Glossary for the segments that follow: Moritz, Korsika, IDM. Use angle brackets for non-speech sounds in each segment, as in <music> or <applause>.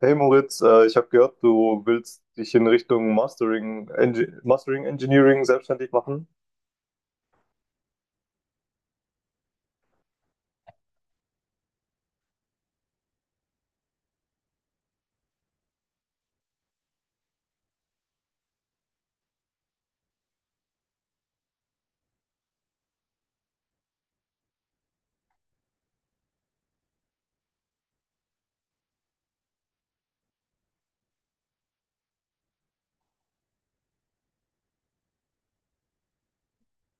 Hey Moritz, ich habe gehört, du willst dich in Richtung Mastering, Engi Mastering Engineering selbstständig machen.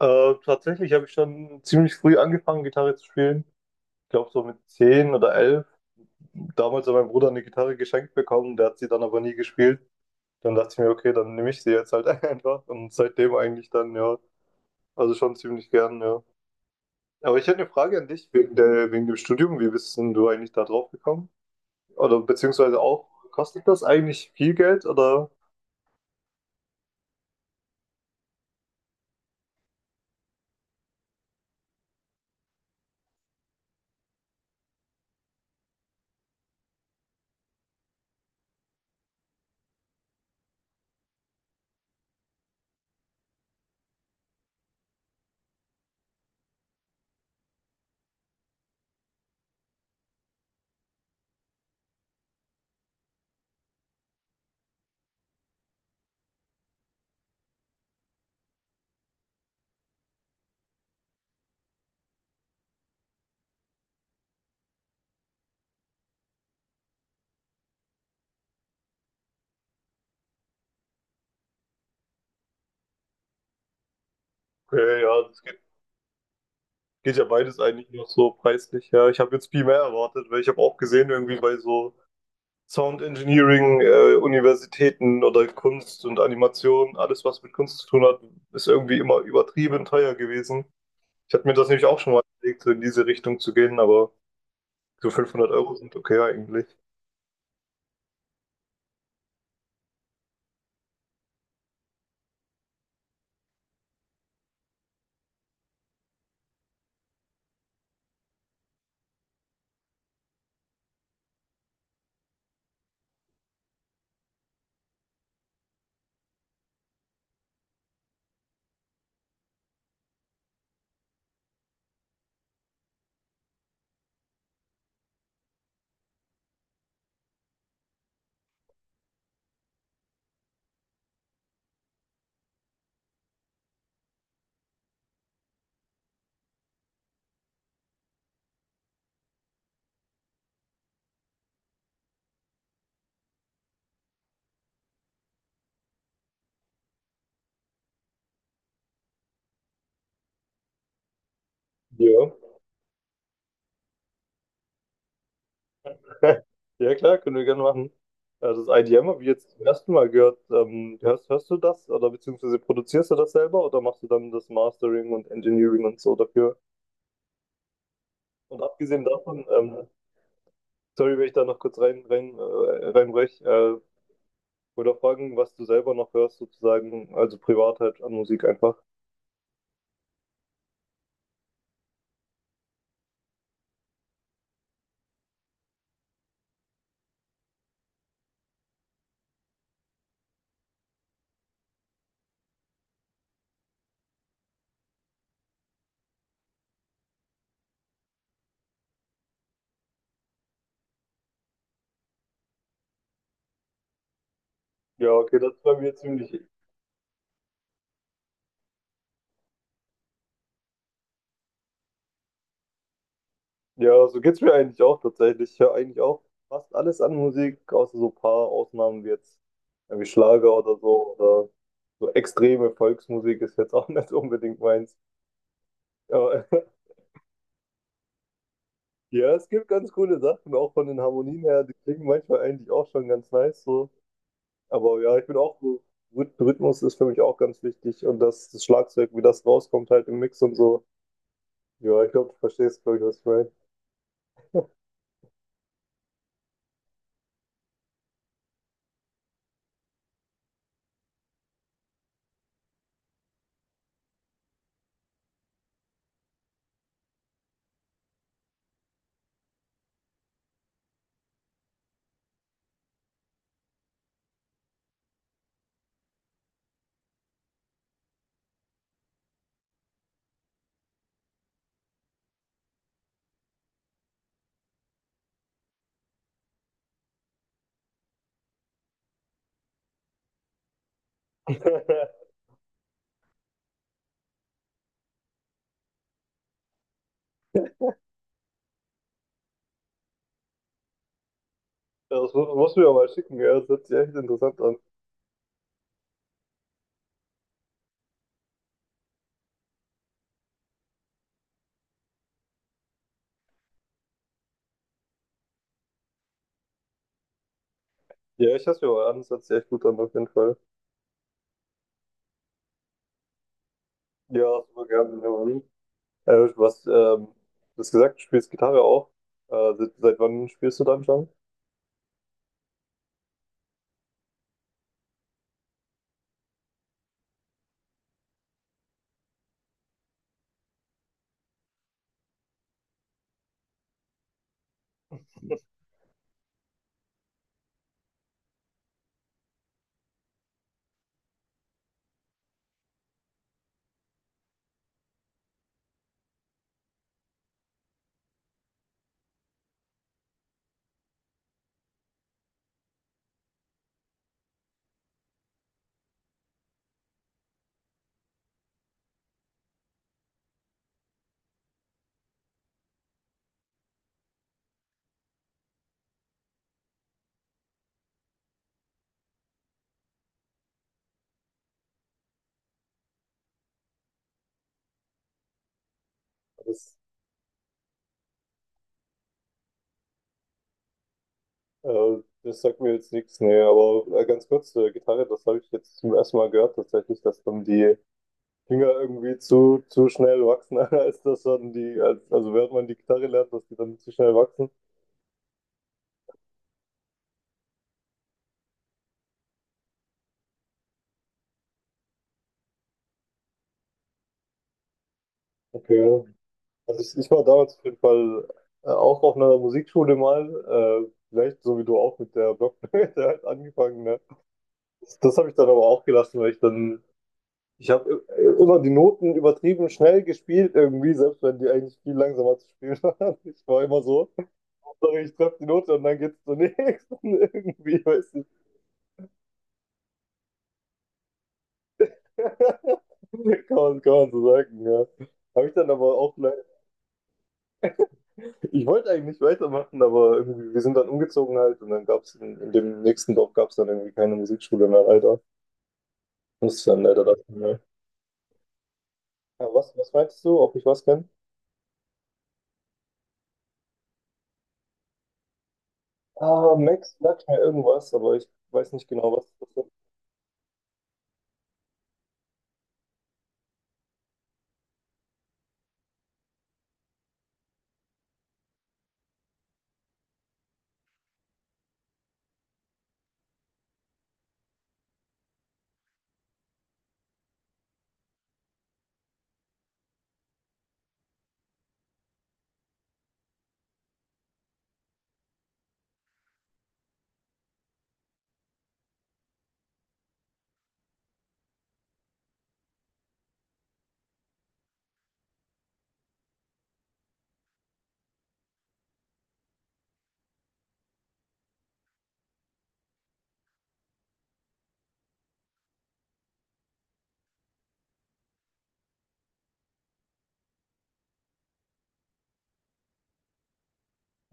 Tatsächlich habe ich schon ziemlich früh angefangen, Gitarre zu spielen. Ich glaube so mit 10 oder 11. Damals hat mein Bruder eine Gitarre geschenkt bekommen, der hat sie dann aber nie gespielt. Dann dachte ich mir, okay, dann nehme ich sie jetzt halt <laughs> einfach. Und seitdem eigentlich dann, ja, also schon ziemlich gern, ja. Aber ich hätte eine Frage an dich wegen dem Studium. Wie bist denn du eigentlich da drauf gekommen? Oder beziehungsweise auch, kostet das eigentlich viel Geld oder? Okay, ja, das geht, geht ja beides eigentlich noch so preislich. Ja, ich habe jetzt viel mehr erwartet, weil ich habe auch gesehen, irgendwie bei so Sound Engineering, Universitäten oder Kunst und Animation, alles was mit Kunst zu tun hat, ist irgendwie immer übertrieben teuer gewesen. Ich hatte mir das nämlich auch schon mal überlegt, so in diese Richtung zu gehen, aber so 500 € sind okay eigentlich. Ja. <laughs> Ja, klar, können wir gerne machen. Das IDM habe ich jetzt zum ersten Mal gehört. Hörst du das oder beziehungsweise produzierst du das selber oder machst du dann das Mastering und Engineering und so dafür? Und abgesehen davon, sorry, wenn ich da noch kurz reinbrech, oder fragen, was du selber noch hörst sozusagen, also privat halt an Musik einfach. Ja, okay, das ist bei mir ziemlich. Ja, so geht's mir eigentlich auch tatsächlich. Ich höre eigentlich auch fast alles an Musik, außer so ein paar Ausnahmen wie jetzt irgendwie Schlager oder so extreme Volksmusik ist jetzt auch <laughs> nicht unbedingt meins. Aber <laughs> ja, es gibt ganz coole Sachen, auch von den Harmonien her, die klingen manchmal eigentlich auch schon ganz nice so. Aber ja, ich bin auch so, Rhythmus ist für mich auch ganz wichtig und das Schlagzeug, wie das rauskommt halt im Mix und so. Ja, ich glaube, du verstehst, glaube ich, was ich meine. <laughs> Das muss, musst du mir mal schicken, ja, das hört sich echt interessant an. Ja, ich hasse mir an, das hört sich echt gut an, auf jeden Fall. Ja, super gerne. Ja, Mann. Äh, was, ähm, du hast gesagt, du spielst Gitarre auch. Seit wann spielst du dann schon? Das, äh, das sagt mir jetzt nichts, nee, aber ganz kurz, Gitarre, das habe ich jetzt zum ersten Mal gehört, tatsächlich, dass dann die Finger irgendwie zu schnell wachsen, <laughs> als dass dann also während man die Gitarre lernt, dass die dann zu schnell wachsen. Okay. Ich war damals auf jeden Fall auch auf einer Musikschule mal, vielleicht so wie du auch mit der Blockflöte <laughs> halt angefangen, ne? Das habe ich dann aber auch gelassen, weil ich dann, ich habe immer die Noten übertrieben schnell gespielt irgendwie, selbst wenn die eigentlich viel langsamer zu spielen waren. <laughs> Ich war immer so, Hauptsache ich treffe die Note und dann geht's zur nächsten <laughs> irgendwie, weißt du. <laughs> Kann man so sagen, ja. Habe ich dann aber auch. Ich wollte eigentlich weitermachen, aber irgendwie, wir sind dann umgezogen halt und dann gab es in dem nächsten Dorf gab es dann irgendwie keine Musikschule mehr, leider. Musste dann leider das. Ja, ah, was, was meinst du, ob ich was kenne? Ah, Max sagt mir irgendwas, aber ich weiß nicht genau, was das ist.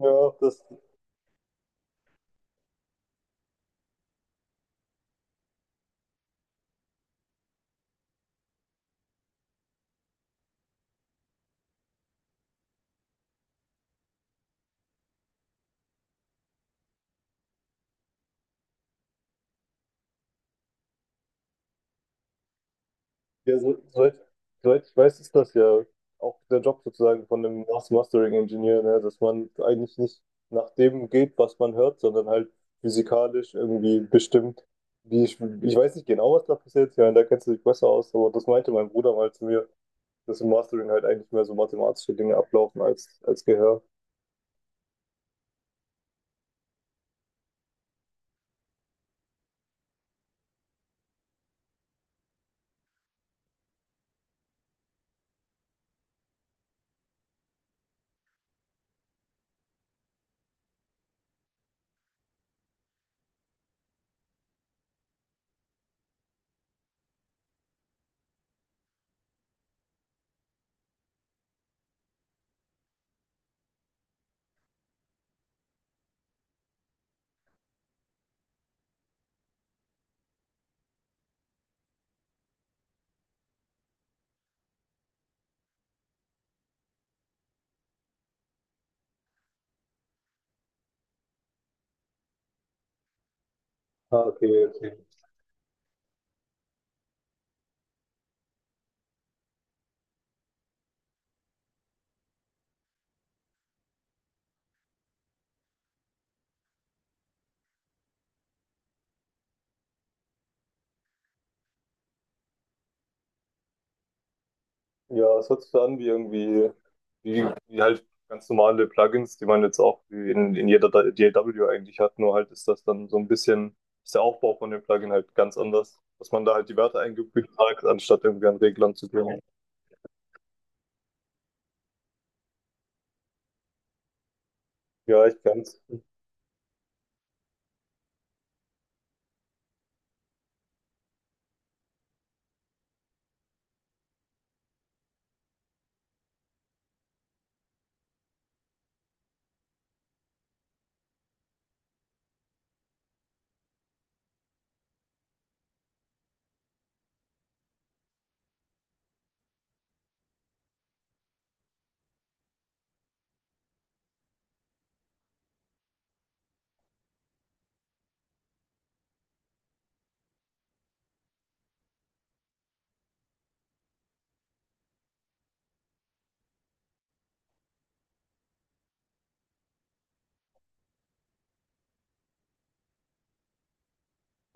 Ja, das, ja, soweit ich weiß, ist das ja auch der Job sozusagen von einem Mastering-Ingenieur, ne? Dass man eigentlich nicht nach dem geht, was man hört, sondern halt physikalisch irgendwie bestimmt, ich weiß nicht genau, was da passiert, ja, da kennst du dich besser aus, aber das meinte mein Bruder mal zu mir, dass im Mastering halt eigentlich mehr so mathematische Dinge ablaufen als Gehör. Ah, okay, okay. Ja, es hört sich so an wie irgendwie, wie halt ganz normale Plugins, die man jetzt auch wie in jeder DAW eigentlich hat, nur halt ist das dann so ein bisschen, ist der Aufbau von dem Plugin halt ganz anders, dass man da halt die Werte eingefügt hat, anstatt irgendwie an Reglern zu gehen. Ja, ich kann's.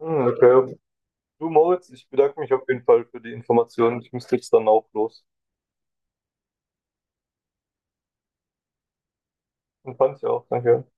Hm, okay. Du, Moritz, ich bedanke mich auf jeden Fall für die Informationen. Ich müsste jetzt dann auch los. Und fand's ja auch, danke.